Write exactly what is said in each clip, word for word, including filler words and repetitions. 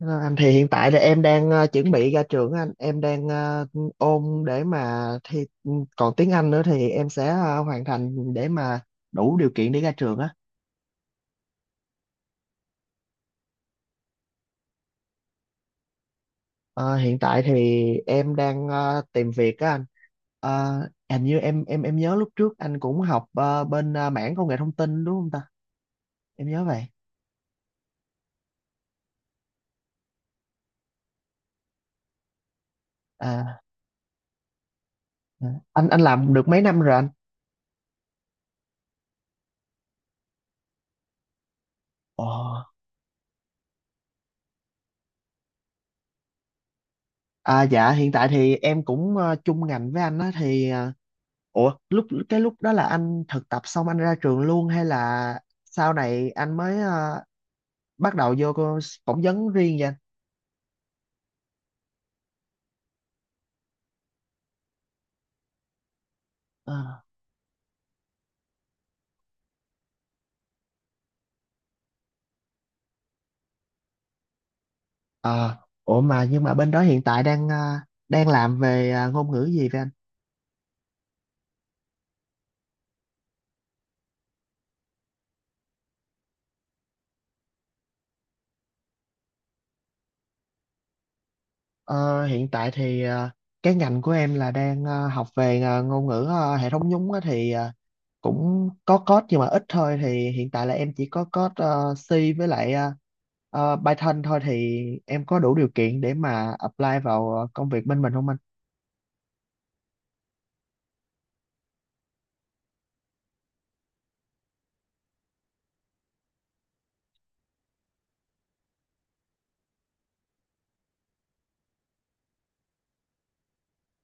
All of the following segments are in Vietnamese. Ờ, Anh thì hiện tại là em đang ờ, chuẩn bị ra trường á anh, em đang ờ, ôn để mà thi, ừ, còn tiếng Anh nữa thì em sẽ ờ, hoàn thành để mà đủ điều kiện để ra trường á. Ờ, Hiện tại thì em đang ờ, tìm việc á anh. Ờ, Hình như em em em nhớ lúc trước anh cũng học ờ, bên ờ, mảng công nghệ thông tin đúng không ta, em nhớ vậy. à, à. anh anh làm được mấy năm rồi anh? Ồ. À dạ, hiện tại thì em cũng ờ, chung ngành với anh á thì ờ, ủa, lúc cái lúc đó là anh thực tập xong anh ra trường luôn hay là sau này anh mới ờ, bắt đầu vô cô- phỏng vấn riêng vậy anh? Ờ. Ờ, ủa mà nhưng mà bên đó hiện tại đang ờ, đang làm về ờ, ngôn ngữ gì vậy anh? Ờ, hiện tại thì ờ, cái ngành của em là đang ờ, học về ờ, ngôn ngữ ờ, hệ thống nhúng á, thì ờ, cũng có code nhưng mà ít thôi, thì hiện tại là em chỉ có code ờ, C với lại ờ, ờ, Python thôi, thì em có đủ điều kiện để mà apply vào ờ, công việc bên mình không anh?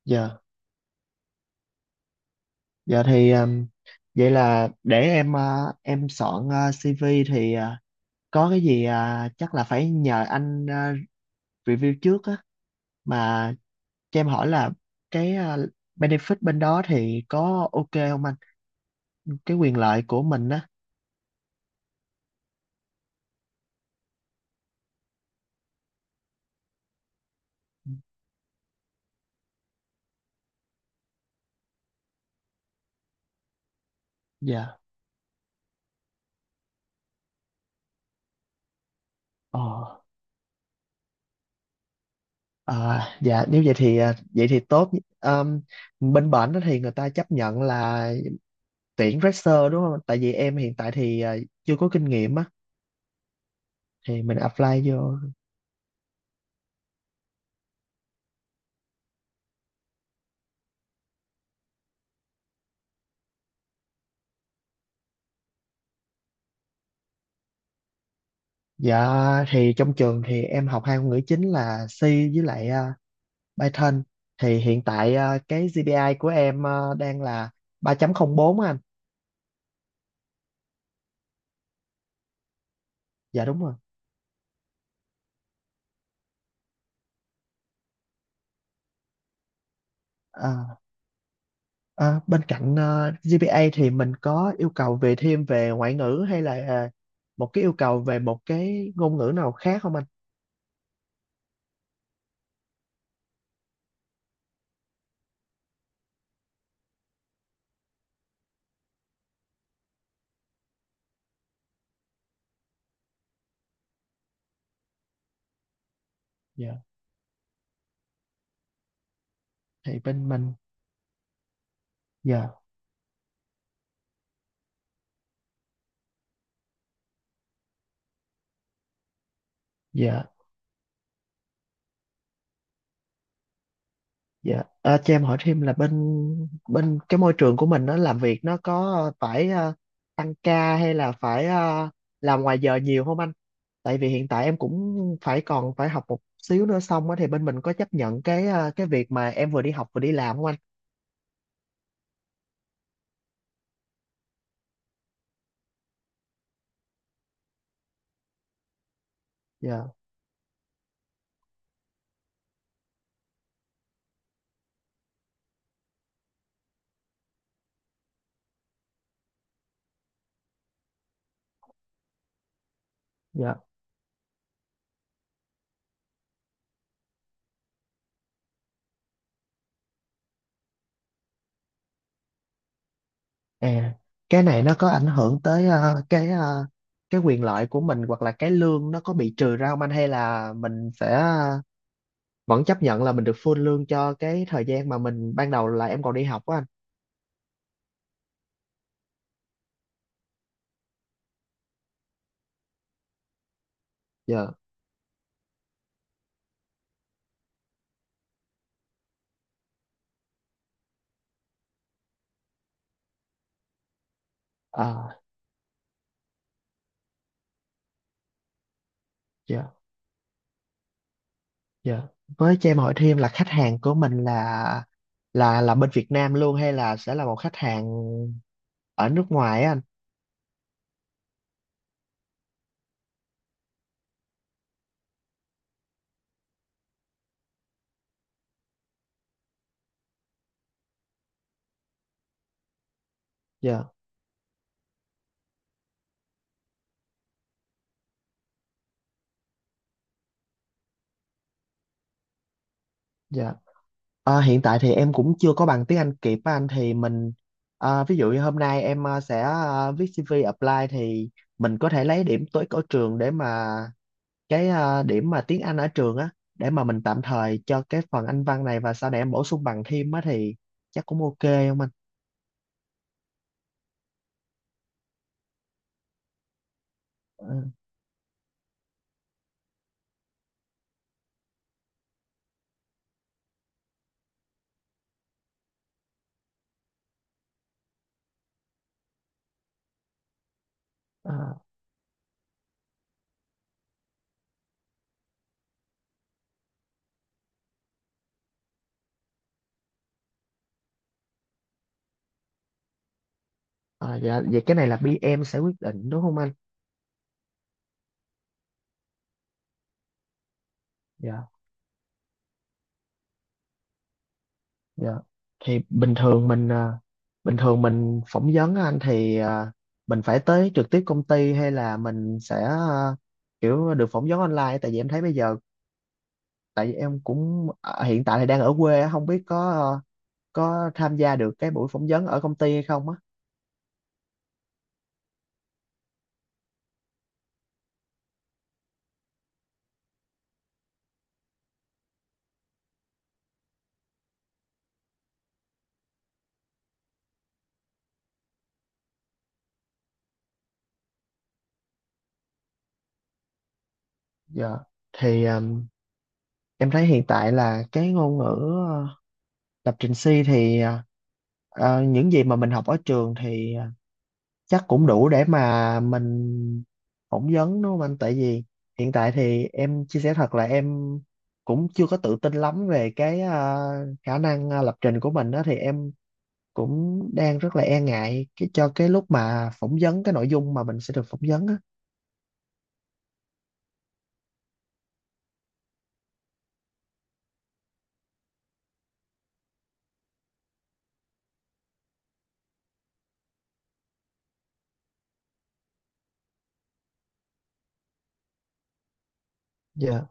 Dạ, dạ thì, um, vậy là để em, uh, em soạn, uh, xê vê thì, uh, có cái gì, uh, chắc là phải nhờ anh, uh, review trước á, mà cho em hỏi là cái, uh, benefit bên đó thì có ok không anh? Cái quyền lợi của mình á. Dạ. Ờ. À, dạ nếu vậy thì, uh, vậy thì tốt. Um, Bên bển đó thì người ta chấp nhận là tuyển fresher đúng không? Tại vì em hiện tại thì uh, chưa có kinh nghiệm á thì mình apply vô. Dạ thì trong trường thì em học hai ngôn ngữ chính là C với lại, à, Python. Thì hiện tại à, cái gi pi ai của em à, đang là ba chấm không bốn á anh. Dạ đúng rồi. À, à, bên cạnh à, giê pê a thì mình có yêu cầu về thêm về ngoại ngữ hay là à, một cái yêu cầu về một cái ngôn ngữ nào khác không anh? Dạ thì bên mình. Dạ, dạ. Dạ, à, cho em hỏi thêm là bên bên cái môi trường của mình nó làm việc nó có phải ờ, tăng ca hay là phải ờ, làm ngoài giờ nhiều không anh? Tại vì hiện tại em cũng phải còn phải học một xíu nữa xong á, thì bên mình có chấp nhận cái ờ, cái việc mà em vừa đi học vừa đi làm không anh? Dạ, dạ. À, cái này nó có ảnh hưởng tới ờ, cái ờ, cái quyền lợi của mình hoặc là cái lương nó có bị trừ ra không anh, hay là mình sẽ ờ, vẫn chấp nhận là mình được full lương cho cái thời gian mà mình ban đầu là em còn đi học á anh? Dạ, à, dạ, dạ. Với cho em hỏi thêm là khách hàng của mình là là là bên Việt Nam luôn hay là sẽ là một khách hàng ở nước ngoài á anh? Dạ, dạ. À, hiện tại thì em cũng chưa có bằng tiếng Anh kịp á anh, thì mình, à, ví dụ như hôm nay em à, sẽ à, viết xi vi apply thì mình có thể lấy điểm tối ở trường để mà cái, à, điểm mà tiếng Anh ở trường á, để mà mình tạm thời cho cái phần Anh văn này, và sau này em bổ sung bằng thêm á, thì chắc cũng ok không anh? Ừ. À. À, dạ, vậy cái này là bê em sẽ quyết định đúng không anh? Dạ, dạ. Thì bình thường mình à, bình thường mình phỏng vấn á anh, thì à, mình phải tới trực tiếp công ty hay là mình sẽ, à, kiểu được phỏng vấn online, tại vì em thấy bây giờ, tại vì em cũng, à, hiện tại thì đang ở quê á, không biết có, à, có tham gia được cái buổi phỏng vấn ở công ty hay không á. Dạ. Thì à, em thấy hiện tại là cái ngôn ngữ à, lập trình C thì, à, Ờ, những gì mà mình học ở trường thì ờ, chắc cũng đủ để mà mình phỏng vấn đúng không anh, tại vì hiện tại thì em chia sẻ thật là em cũng chưa có tự tin lắm về cái, à, khả năng à, lập trình của mình đó, thì em cũng đang rất là e ngại cái cho cái lúc mà phỏng vấn, cái nội dung mà mình sẽ được phỏng vấn á. Dạ.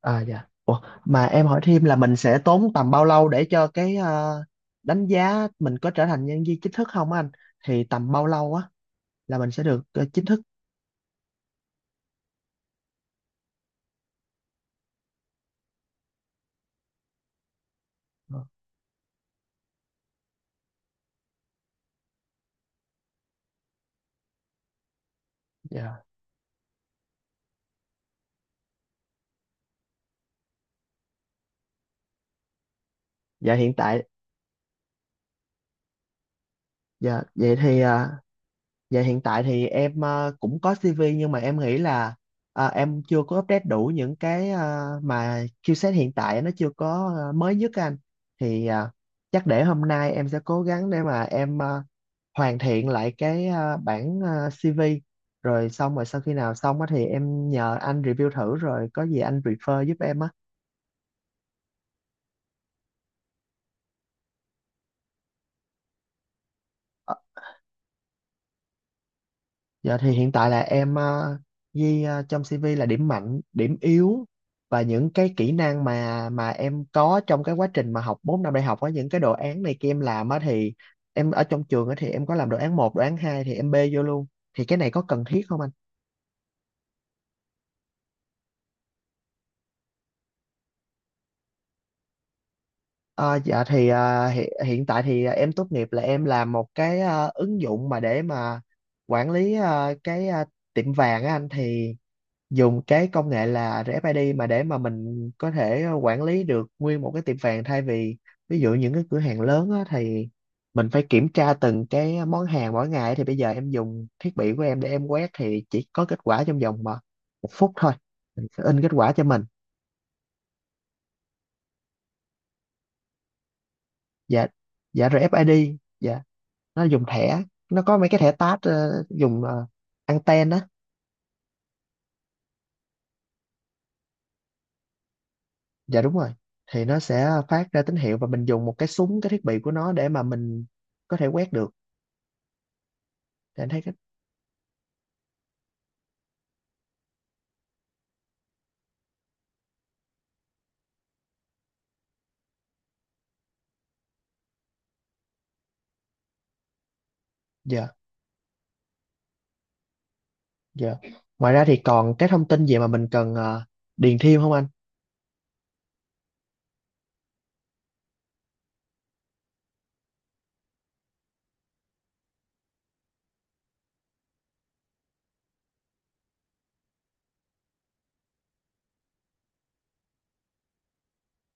à Dạ. Ủa, mà em hỏi thêm là mình sẽ tốn tầm bao lâu để cho cái, à, đánh giá mình có trở thành nhân viên chính thức không á anh, thì tầm bao lâu á là mình sẽ được ờ, chính thức. Ờ, dạ, dạ hiện tại. Dạ, vậy thì, à, dạ hiện tại thì em à, cũng có xê vê, nhưng mà em nghĩ là à, em chưa có update đủ những cái, à, mà skill set hiện tại nó chưa có à, mới nhất á anh. Thì, à, chắc để hôm nay em sẽ cố gắng để mà em, à, hoàn thiện lại cái, à, bản, à, xê vê, rồi xong rồi sau khi nào xong á thì em nhờ anh review thử, rồi có gì anh refer giúp em á. Dạ thì hiện tại là em ờ, ghi ờ, trong xê vê là điểm mạnh, điểm yếu và những cái kỹ năng mà mà em có trong cái quá trình mà học bốn năm đại học, có những cái đồ án này kia em làm á, thì em ở trong trường á thì em có làm đồ án một, đồ án hai thì em bê vô luôn. Thì cái này có cần thiết không anh? Ờ, dạ thì, ờ, hiện, hiện tại thì ờ, em tốt nghiệp là em làm một cái ờ, ứng dụng mà để mà quản lý ờ, cái ờ, tiệm vàng á anh, thì dùng cái công nghệ là rờ ép i đê mà để mà mình có thể quản lý được nguyên một cái tiệm vàng, thay vì ví dụ những cái cửa hàng lớn á, thì mình phải kiểm tra từng cái món hàng mỗi ngày, thì bây giờ em dùng thiết bị của em để em quét thì chỉ có kết quả trong vòng mà một phút thôi, mình sẽ in kết quả cho mình. Dạ, dạ, rờ ép i đê, dạ, nó dùng thẻ, nó có mấy cái thẻ tát ờ, dùng ờ, anten á. Dạ đúng rồi, thì nó sẽ phát ra tín hiệu và mình dùng một cái súng, cái thiết bị của nó, để mà mình có thể quét được để anh thấy cái. Giờ giờ ngoài ra thì còn cái thông tin gì mà mình cần ờ, điền thêm không anh?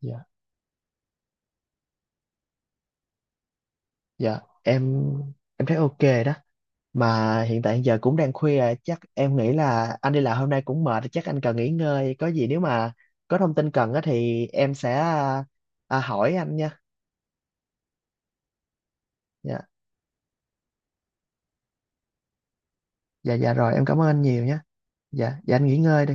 Dạ, dạ, em em thấy ok đó, mà hiện tại giờ cũng đang khuya, chắc em nghĩ là anh đi làm hôm nay cũng mệt, chắc anh cần nghỉ ngơi. Có gì nếu mà có thông tin cần á thì em sẽ, à, à, hỏi anh nha. Dạ, dạ, dạ, rồi em cảm ơn anh nhiều nha. Dạ, dạ, anh nghỉ ngơi đi.